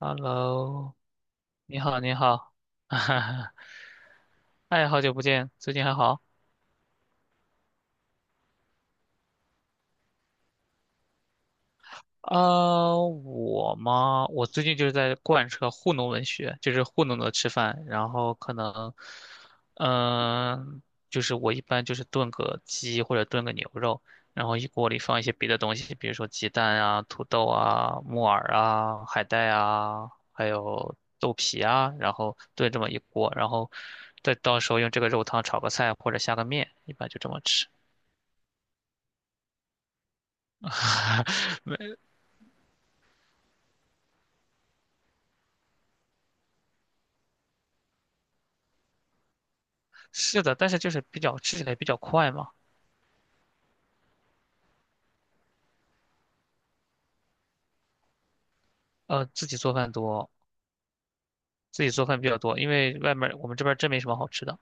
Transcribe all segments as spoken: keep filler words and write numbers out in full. Hello，你好，你好，哈哈，哎，好久不见，最近还好？啊，我嘛，我最近就是在贯彻糊弄文学，就是糊弄的吃饭，然后可能，嗯、就是我一般就是炖个鸡或者炖个牛肉，然后一锅里放一些别的东西，比如说鸡蛋啊、土豆啊、木耳啊、海带啊，还有豆皮啊，然后炖这么一锅，然后再到时候用这个肉汤炒个菜或者下个面，一般就这么吃。没是的，但是就是比较吃起来比较快嘛。呃，自己做饭多，自己做饭比较多，因为外面儿我们这边儿真没什么好吃的。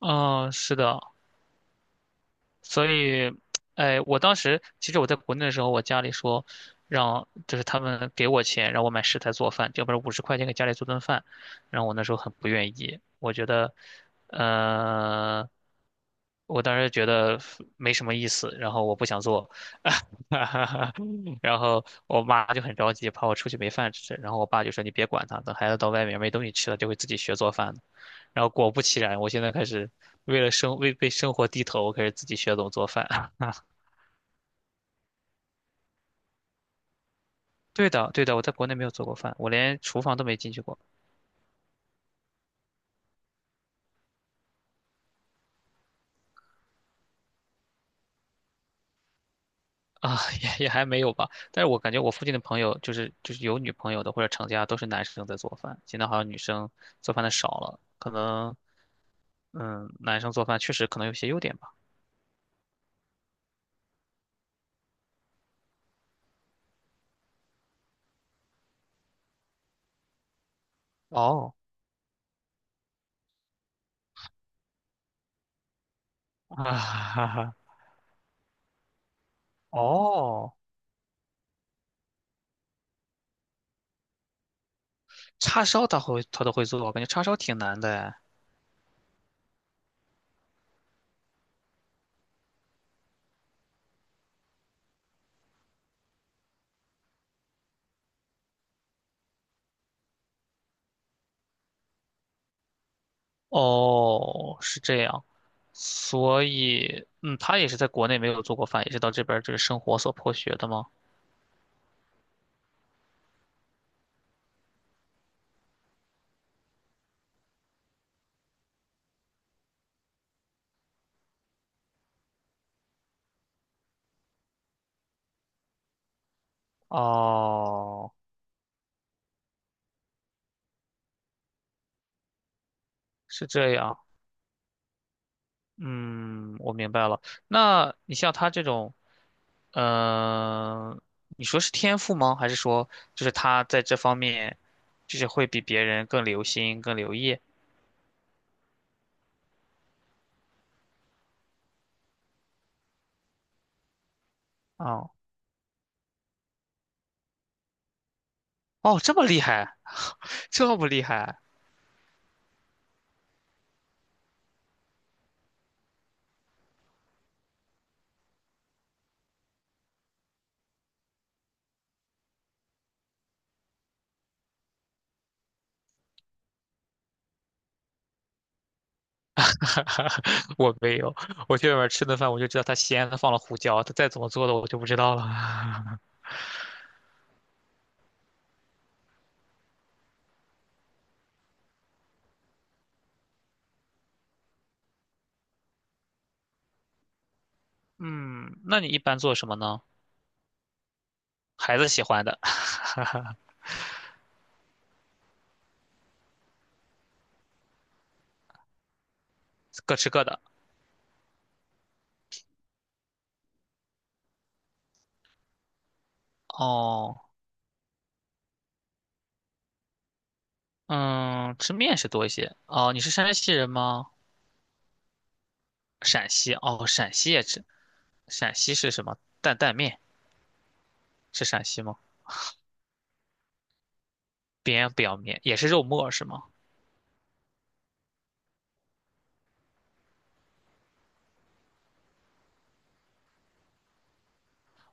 嗯，是的，所以，哎，我当时其实我在国内的时候，我家里说让就是他们给我钱让我买食材做饭，要不然五十块钱给家里做顿饭，然后我那时候很不愿意，我觉得，呃，我当时觉得没什么意思，然后我不想做，然后我妈就很着急，怕我出去没饭吃，然后我爸就说你别管他，等孩子到外面没东西吃了，就会自己学做饭的。然后果不其然，我现在开始为了生为为生活低头，我开始自己学怎么做饭。对的，对的，我在国内没有做过饭，我连厨房都没进去过 啊，也也还没有吧。但是我感觉我附近的朋友，就是就是有女朋友的或者成家，都是男生在做饭。现在好像女生做饭的少了，可能嗯，男生做饭确实可能有些优点吧。哦啊，哈哈哦，叉烧他会他都会做，我感觉叉烧挺难的哎。哦，是这样，所以，嗯，他也是在国内没有做过饭，也是到这边儿就是生活所迫学的吗？哦，是这样，嗯，我明白了。那你像他这种，嗯、你说是天赋吗？还是说就是他在这方面，就是会比别人更留心、更留意？哦，哦，这么厉害，这么厉害。哈哈，我没有，我去外面吃顿饭，我就知道它咸的放了胡椒，它再怎么做的我就不知道了。嗯，那你一般做什么呢？孩子喜欢的，各吃各的。哦，嗯，吃面是多一些。哦，你是山西人吗？陕西，哦，陕西也吃。陕西是什么？担担面是陕西吗？扁表面也是肉末是吗？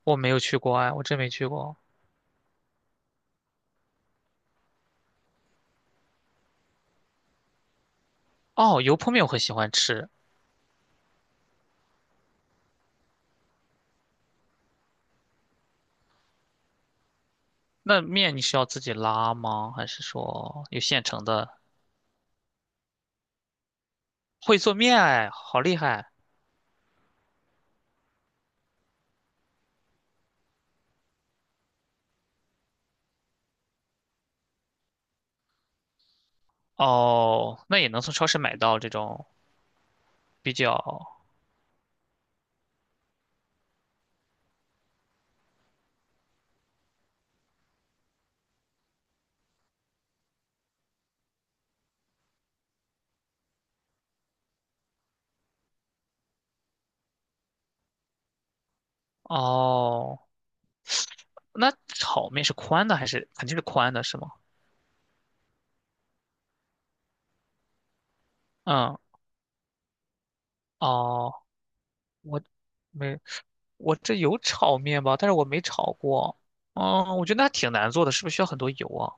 我没有去过啊，我真没去过。哦，油泼面我很喜欢吃。那面你是要自己拉吗？还是说有现成的会做面哎，好厉害！哦，那也能从超市买到这种比较哦。那炒面是宽的还是肯定是宽的是吗？嗯，哦，我没，我这有炒面吧，但是我没炒过。嗯，我觉得那挺难做的，是不是需要很多油啊？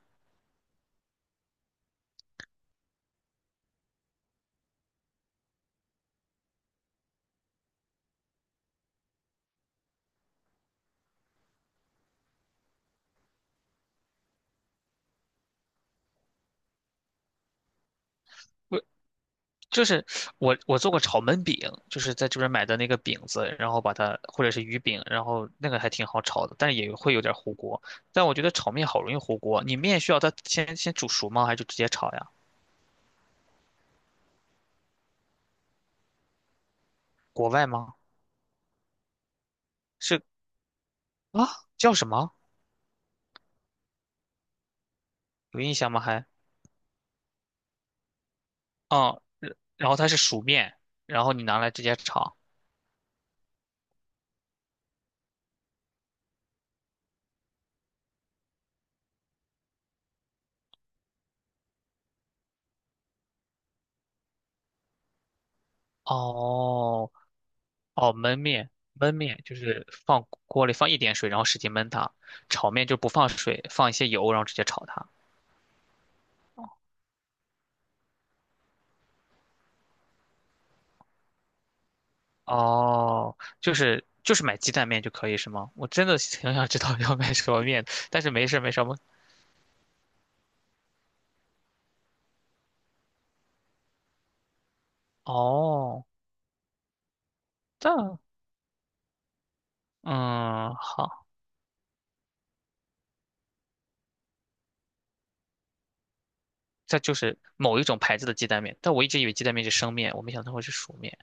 就是我我做过炒焖饼，就是在这边买的那个饼子，然后把它或者是鱼饼，然后那个还挺好炒的，但是也会有点糊锅。但我觉得炒面好容易糊锅，你面需要它先先煮熟吗？还是就直接炒呀？国外吗？是啊，叫什么？有印象吗？还哦，然然后它是熟面，然后你拿来直接炒。哦哦，焖面焖面就是放锅里放一点水，然后使劲焖它。炒面就不放水，放一些油，然后直接炒它。哦，就是就是买鸡蛋面就可以是吗？我真的挺想知道要买什么面的，但是没事儿没什么。我哦，但嗯好，这就是某一种牌子的鸡蛋面，但我一直以为鸡蛋面是生面，我没想到会是熟面，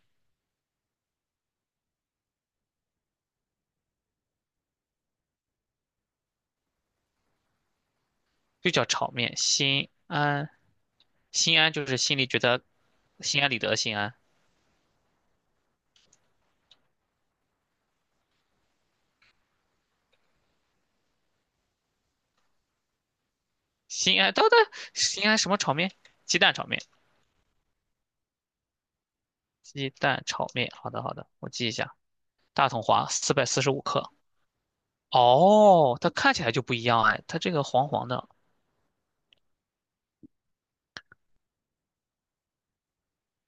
就叫炒面。心安，心安就是心里觉得心安理得的心安，心安，等等，心安什么炒面？鸡蛋炒面，鸡蛋炒面。好的好的，我记一下，大统华四百四十五克。哦，它看起来就不一样哎，它这个黄黄的，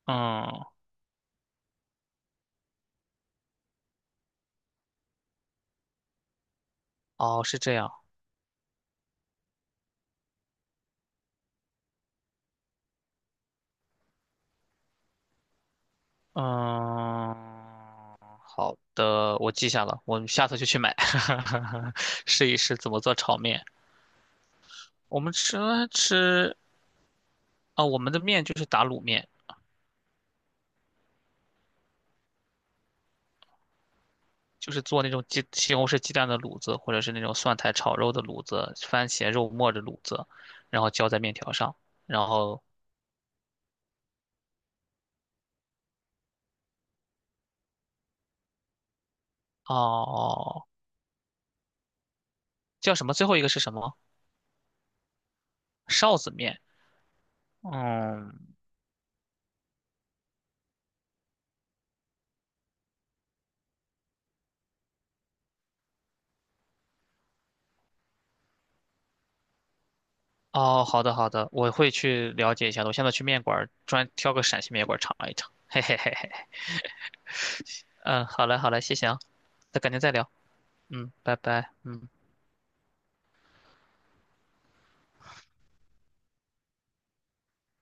嗯，哦，是这样，嗯，好的，我记下了，我们下次就去买，试一试怎么做炒面。我们吃吃啊、我们的面就是打卤面，就是做那种鸡西红柿鸡蛋的卤子，或者是那种蒜苔炒肉的卤子，番茄肉末的卤子，然后浇在面条上，然后哦，叫什么？最后一个是什么？臊子面。嗯，哦，好的好的，我会去了解一下的。我现在去面馆儿专挑个陕西面馆儿尝一尝。嘿嘿嘿嘿，嗯，好嘞好嘞，谢谢啊，那改天再聊。嗯，拜拜，嗯。